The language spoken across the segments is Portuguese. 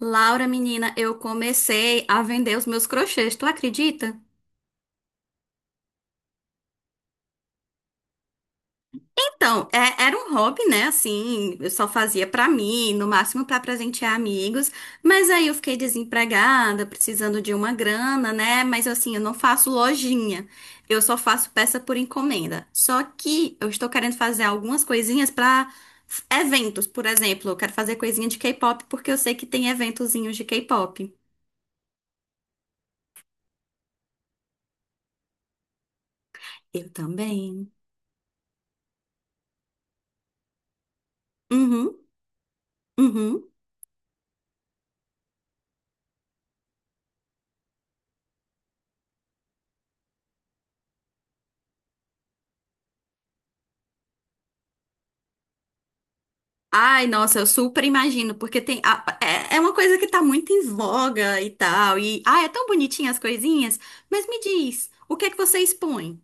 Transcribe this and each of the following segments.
Laura, menina, eu comecei a vender os meus crochês, tu acredita? Então, era um hobby, né? Assim, eu só fazia pra mim, no máximo pra presentear amigos. Mas aí eu fiquei desempregada, precisando de uma grana, né? Mas assim, eu não faço lojinha. Eu só faço peça por encomenda. Só que eu estou querendo fazer algumas coisinhas pra eventos, por exemplo. Eu quero fazer coisinha de K-pop porque eu sei que tem eventozinhos de K-pop. Eu também. Uhum, uhum. Ai, nossa, eu super imagino, porque tem é uma coisa que tá muito em voga e tal, e ah, é tão bonitinha as coisinhas, mas me diz, o que é que você expõe?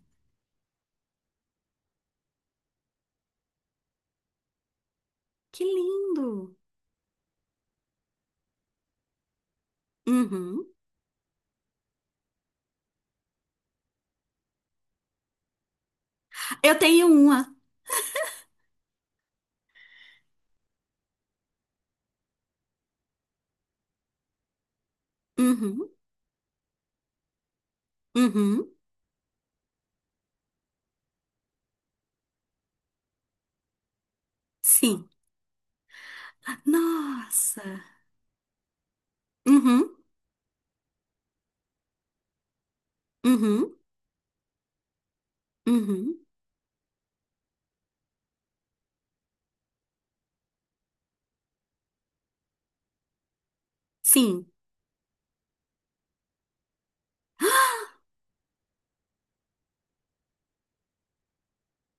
Que lindo. Uhum. Eu tenho uma. Uhum. Uhum. Sim. Nossa. Uhum. Uhum. Uhum. Sim.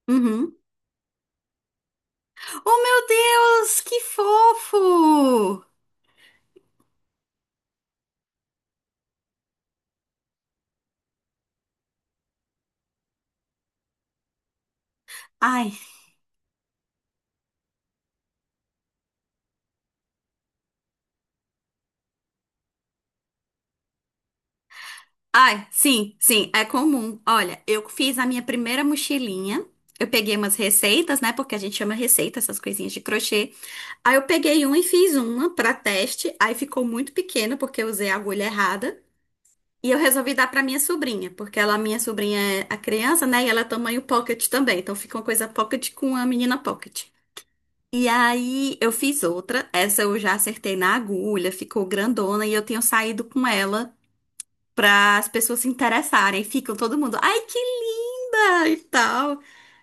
Uhum. Oh, meu Deus, que fofo! Ai, ai, sim, sim, é comum. Olha, eu fiz a minha primeira mochilinha. Eu peguei umas receitas, né? Porque a gente chama receita essas coisinhas de crochê. Aí eu peguei uma e fiz uma pra teste. Aí ficou muito pequena porque eu usei a agulha errada. E eu resolvi dar pra minha sobrinha, porque ela, minha sobrinha é a criança, né? E ela é tamanho pocket também. Então fica uma coisa pocket com a menina pocket. E aí eu fiz outra. Essa eu já acertei na agulha, ficou grandona e eu tenho saído com ela para as pessoas se interessarem. Ficam todo mundo, ai, que linda e tal.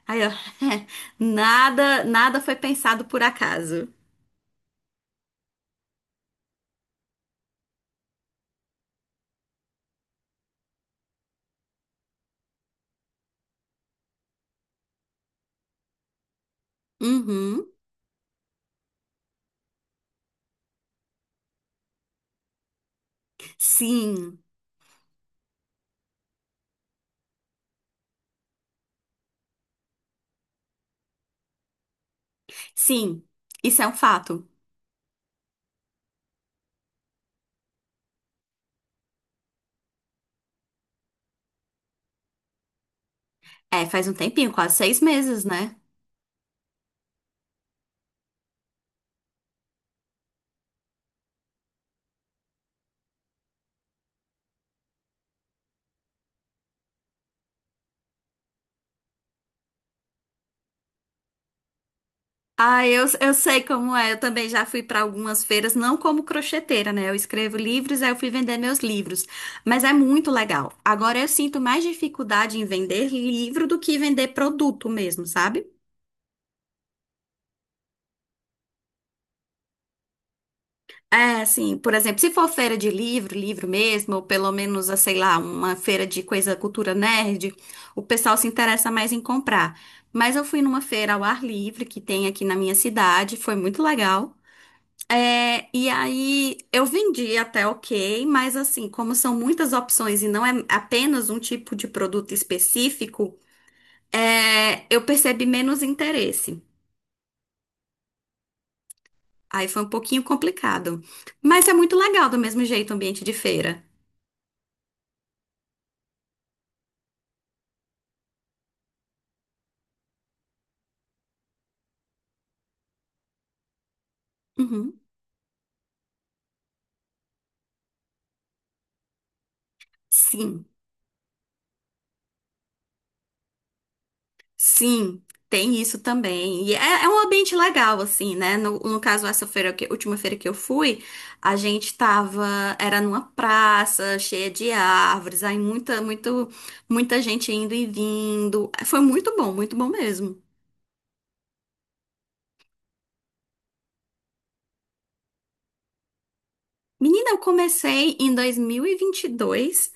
Aí, ó, nada, nada foi pensado por acaso. Uhum. Sim, sim, isso é um fato. É, faz um tempinho, quase seis meses, né? Ah, eu sei como é. Eu também já fui para algumas feiras, não como crocheteira, né? Eu escrevo livros, aí eu fui vender meus livros. Mas é muito legal. Agora eu sinto mais dificuldade em vender livro do que vender produto mesmo, sabe? É, assim, por exemplo, se for feira de livro, livro mesmo, ou pelo menos, ah, sei lá, uma feira de coisa cultura nerd, o pessoal se interessa mais em comprar. Mas eu fui numa feira ao ar livre que tem aqui na minha cidade, foi muito legal. É, e aí eu vendi até ok, mas assim, como são muitas opções e não é apenas um tipo de produto específico, eu percebi menos interesse. Aí foi um pouquinho complicado. Mas é muito legal do mesmo jeito o ambiente de feira. Uhum. Sim, sim, tem isso também. E é um ambiente legal, assim, né? No caso, última feira que eu fui, a gente tava, era numa praça cheia de árvores, aí muita, muito, muita gente indo e vindo. Foi muito bom mesmo. Menina, eu comecei em 2022,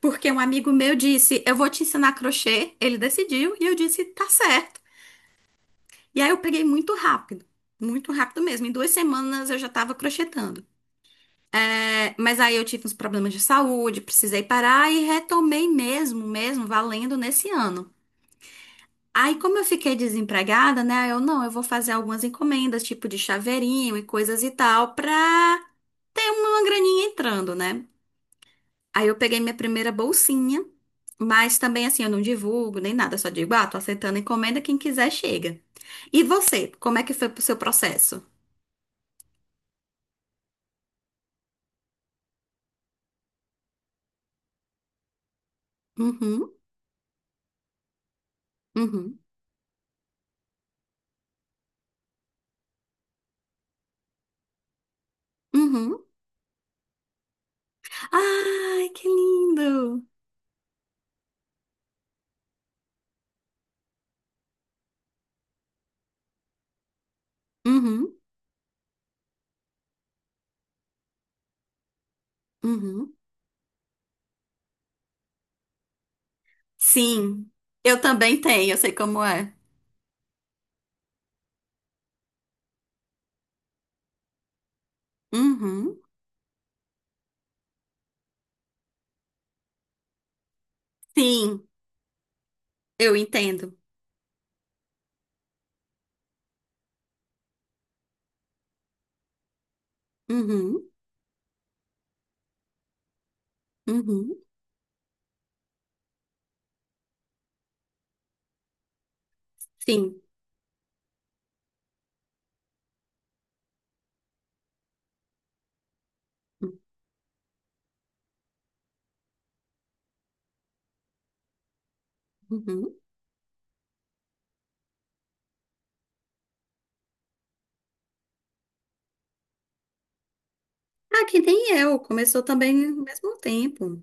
porque um amigo meu disse, eu vou te ensinar crochê. Ele decidiu e eu disse, tá certo. E aí eu peguei muito rápido mesmo. Em duas semanas eu já tava crochetando. É, mas aí eu tive uns problemas de saúde, precisei parar e retomei mesmo, mesmo, valendo nesse ano. Aí, como eu fiquei desempregada, né? Eu não, eu vou fazer algumas encomendas, tipo de chaveirinho e coisas e tal, pra ter uma graninha entrando, né? Aí eu peguei minha primeira bolsinha, mas também assim, eu não divulgo nem nada, só digo, ah, tô aceitando encomenda, quem quiser chega. E você, como é que foi o seu processo? Uhum, uhum, uhum. Ai, que lindo! Uhum. Uhum. Sim, eu também tenho, eu sei como é. Uhum. Sim, eu entendo. Uhum. Uhum. Sim. Uhum. Ah, que nem eu, começou também ao mesmo tempo.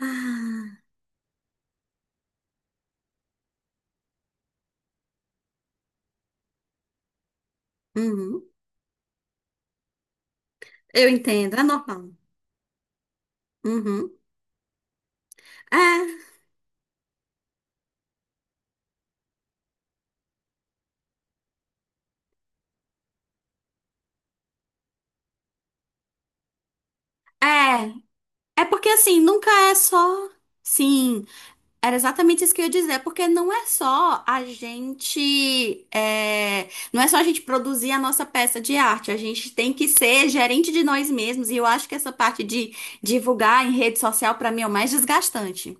Ah, uhum. Eu entendo, é normal. Uhum. É, é, é porque assim, nunca é só. Sim, era exatamente isso que eu ia dizer, porque não é só a gente, não é só a gente produzir a nossa peça de arte, a gente tem que ser gerente de nós mesmos, e eu acho que essa parte de divulgar em rede social, pra mim, é o mais desgastante.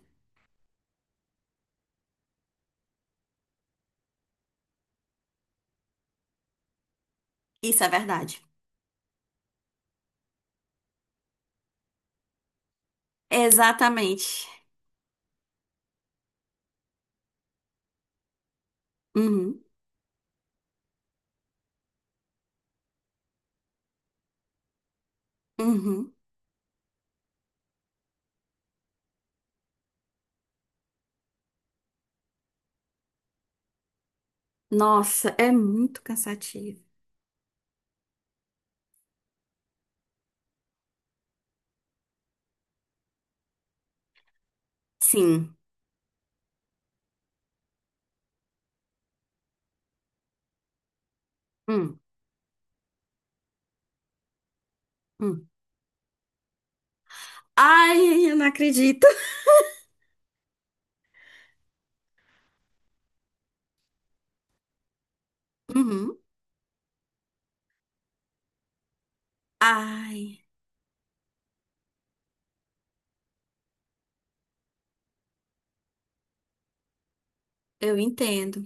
Isso é verdade. Exatamente. Uhum, uhum. Nossa, é muito cansativo. Sim. Hum, hum. Ai, eu não acredito. Uhum. Ai, eu entendo.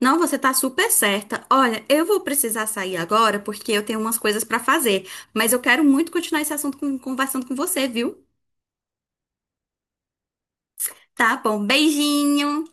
Não, você tá super certa. Olha, eu vou precisar sair agora porque eu tenho umas coisas pra fazer, mas eu quero muito continuar esse assunto conversando com você, viu? Tá bom, beijinho.